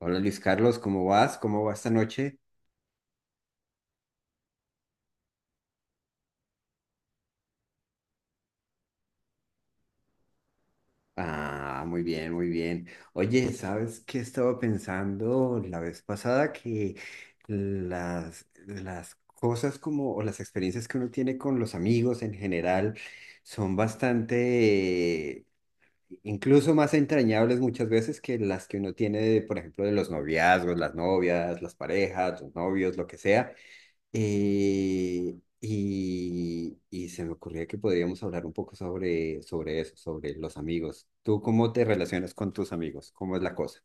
Hola Luis Carlos, ¿cómo vas? ¿Cómo va esta noche? Ah, muy bien, muy bien. Oye, ¿sabes qué estaba pensando la vez pasada? Que las cosas como, o las experiencias que uno tiene con los amigos en general son bastante, incluso más entrañables muchas veces que las que uno tiene, por ejemplo, de los noviazgos, las novias, las parejas, los novios, lo que sea. Y se me ocurría que podríamos hablar un poco sobre eso, sobre los amigos. ¿Tú cómo te relacionas con tus amigos? ¿Cómo es la cosa?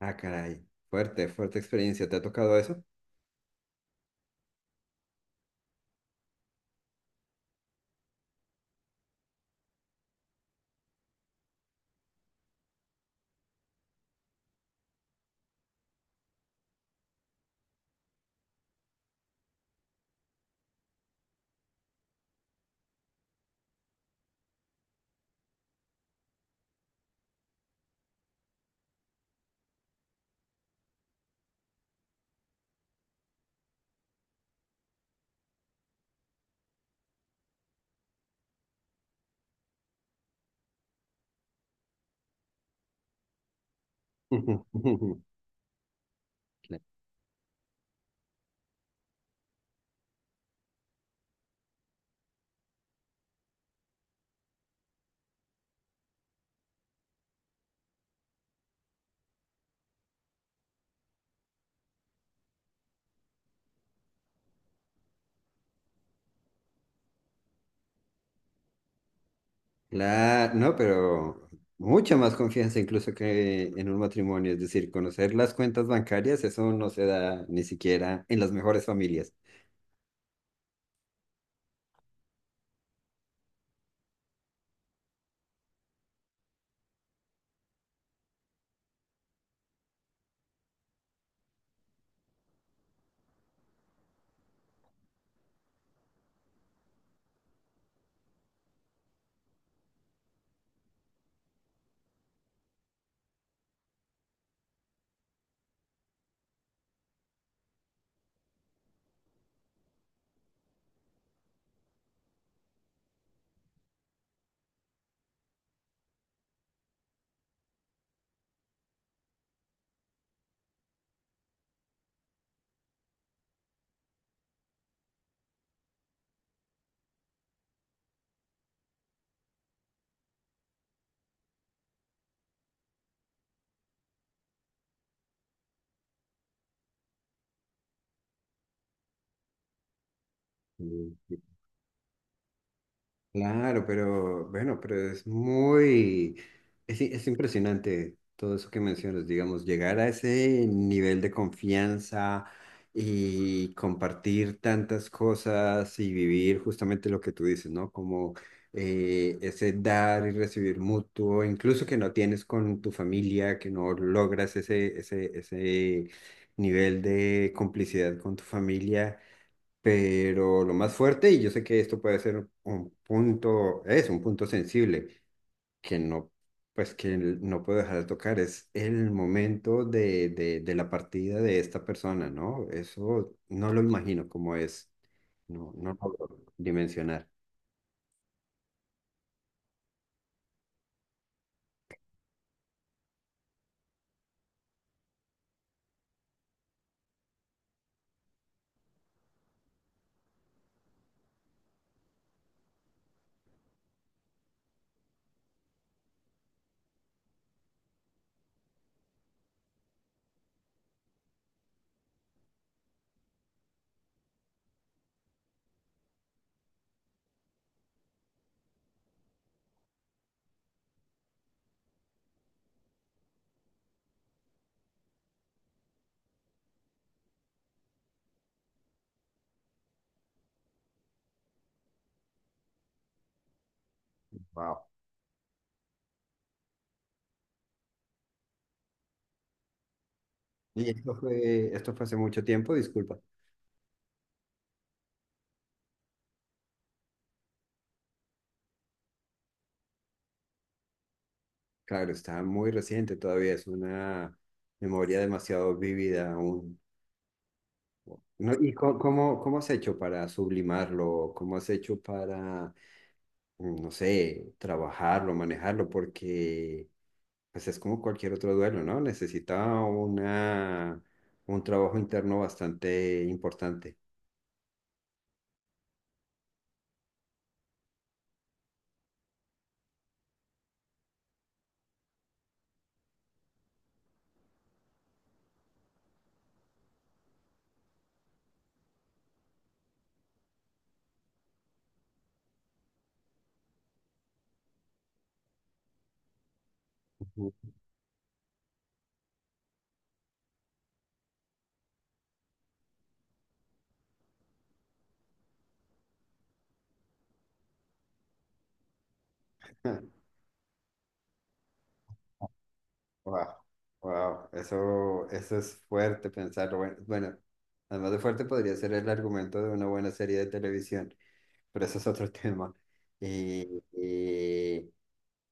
Ah, caray, fuerte, fuerte experiencia. ¿Te ha tocado eso? Claro, no, pero mucha más confianza incluso que en un matrimonio. Es decir, conocer las cuentas bancarias, eso no se da ni siquiera en las mejores familias. Claro, pero bueno, pero es impresionante todo eso que mencionas, digamos, llegar a ese nivel de confianza y compartir tantas cosas y vivir justamente lo que tú dices, ¿no? Como ese dar y recibir mutuo, incluso que no tienes con tu familia, que no logras ese nivel de complicidad con tu familia, pero lo más fuerte, y yo sé que esto puede ser un punto, es un punto sensible, que no, pues que no puedo dejar de tocar, es el momento de la partida de esta persona, ¿no? Eso no lo imagino cómo es, no, no lo puedo dimensionar. Wow. Y esto fue hace mucho tiempo, disculpa. Claro, está muy reciente todavía, es una memoria demasiado vívida aún. No, ¿y cómo, cómo has hecho para sublimarlo? ¿Cómo has hecho para, mm, no sé, trabajarlo, manejarlo? Porque pues es como cualquier otro duelo, ¿no? Necesita una, un trabajo interno bastante importante. Ujú. Wow, wow, eso es fuerte pensarlo. Bueno, bueno, además de fuerte podría ser el argumento de una buena serie de televisión, pero eso es otro tema. Y,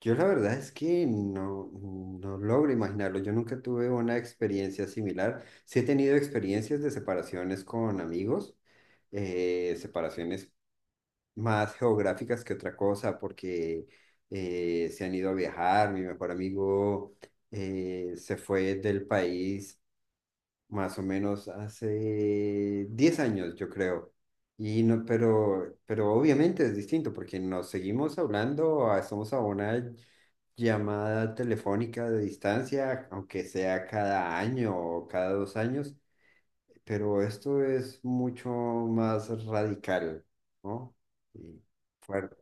Yo la verdad es que no, no logro imaginarlo. Yo nunca tuve una experiencia similar. Sí he tenido experiencias de separaciones con amigos, separaciones más geográficas que otra cosa, porque se han ido a viajar. Mi mejor amigo se fue del país más o menos hace 10 años, yo creo. Y no, pero obviamente es distinto porque nos seguimos hablando, ah, estamos a una llamada telefónica de distancia, aunque sea cada año o cada dos años, pero esto es mucho más radical, ¿no? Y fuerte,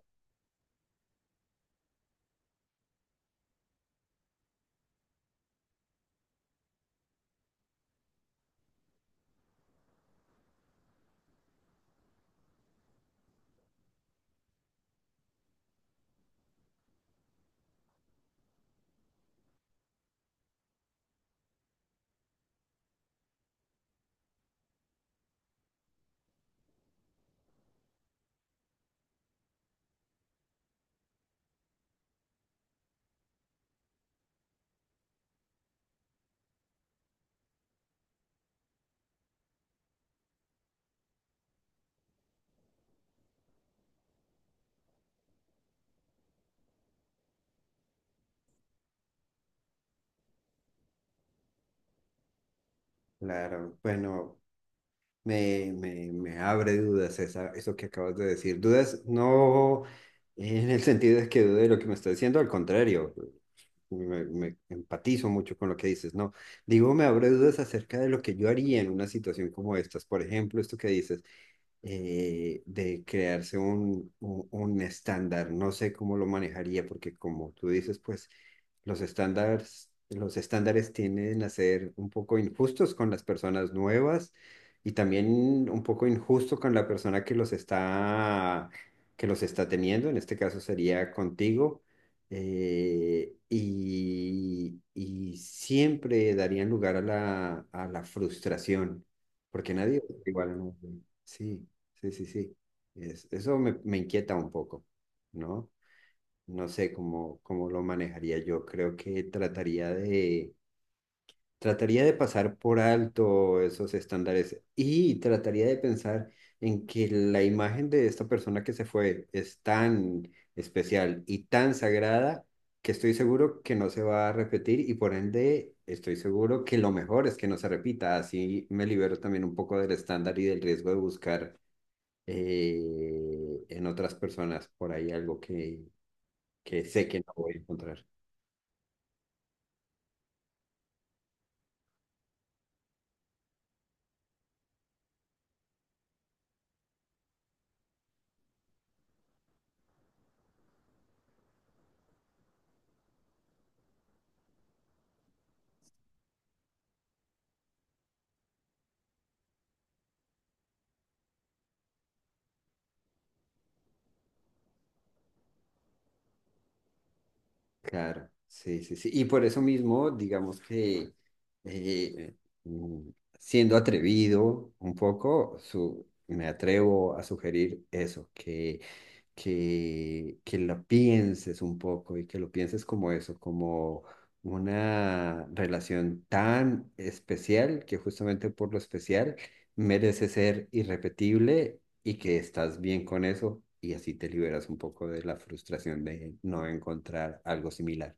claro. Bueno, me abre dudas esa, eso que acabas de decir. Dudas no en el sentido de que dude de lo que me está diciendo, al contrario. Me empatizo mucho con lo que dices, ¿no? Digo, me abre dudas acerca de lo que yo haría en una situación como estas. Por ejemplo, esto que dices, de crearse un estándar. No sé cómo lo manejaría, porque como tú dices, pues los estándares tienden a ser un poco injustos con las personas nuevas y también un poco injusto con la persona que los está teniendo, en este caso sería contigo, y siempre darían lugar a a la frustración, porque nadie es igual a nadie. Sí, sí, sí, sí. Eso me, me inquieta un poco, ¿no? No sé cómo, cómo lo manejaría yo. Creo que trataría de pasar por alto esos estándares y trataría de pensar en que la imagen de esta persona que se fue es tan especial y tan sagrada que estoy seguro que no se va a repetir y por ende estoy seguro que lo mejor es que no se repita. Así me libero también un poco del estándar y del riesgo de buscar eh, en otras personas por ahí algo que sé que no voy a encontrar. Claro, sí, sí, sí. Y por eso mismo, digamos que eh, mm, siendo atrevido un poco, me atrevo a sugerir eso, que lo pienses un poco y que lo pienses como eso, como una relación tan especial que justamente por lo especial merece ser irrepetible y que estás bien con eso y así te liberas un poco de la frustración de no encontrar algo similar.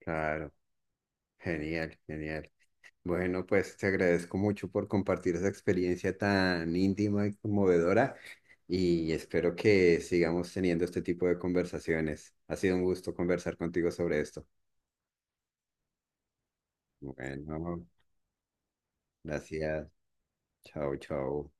Claro, genial, genial. Bueno, pues te agradezco mucho por compartir esa experiencia tan íntima y conmovedora y espero que sigamos teniendo este tipo de conversaciones. Ha sido un gusto conversar contigo sobre esto. Bueno, gracias. Chao, chao.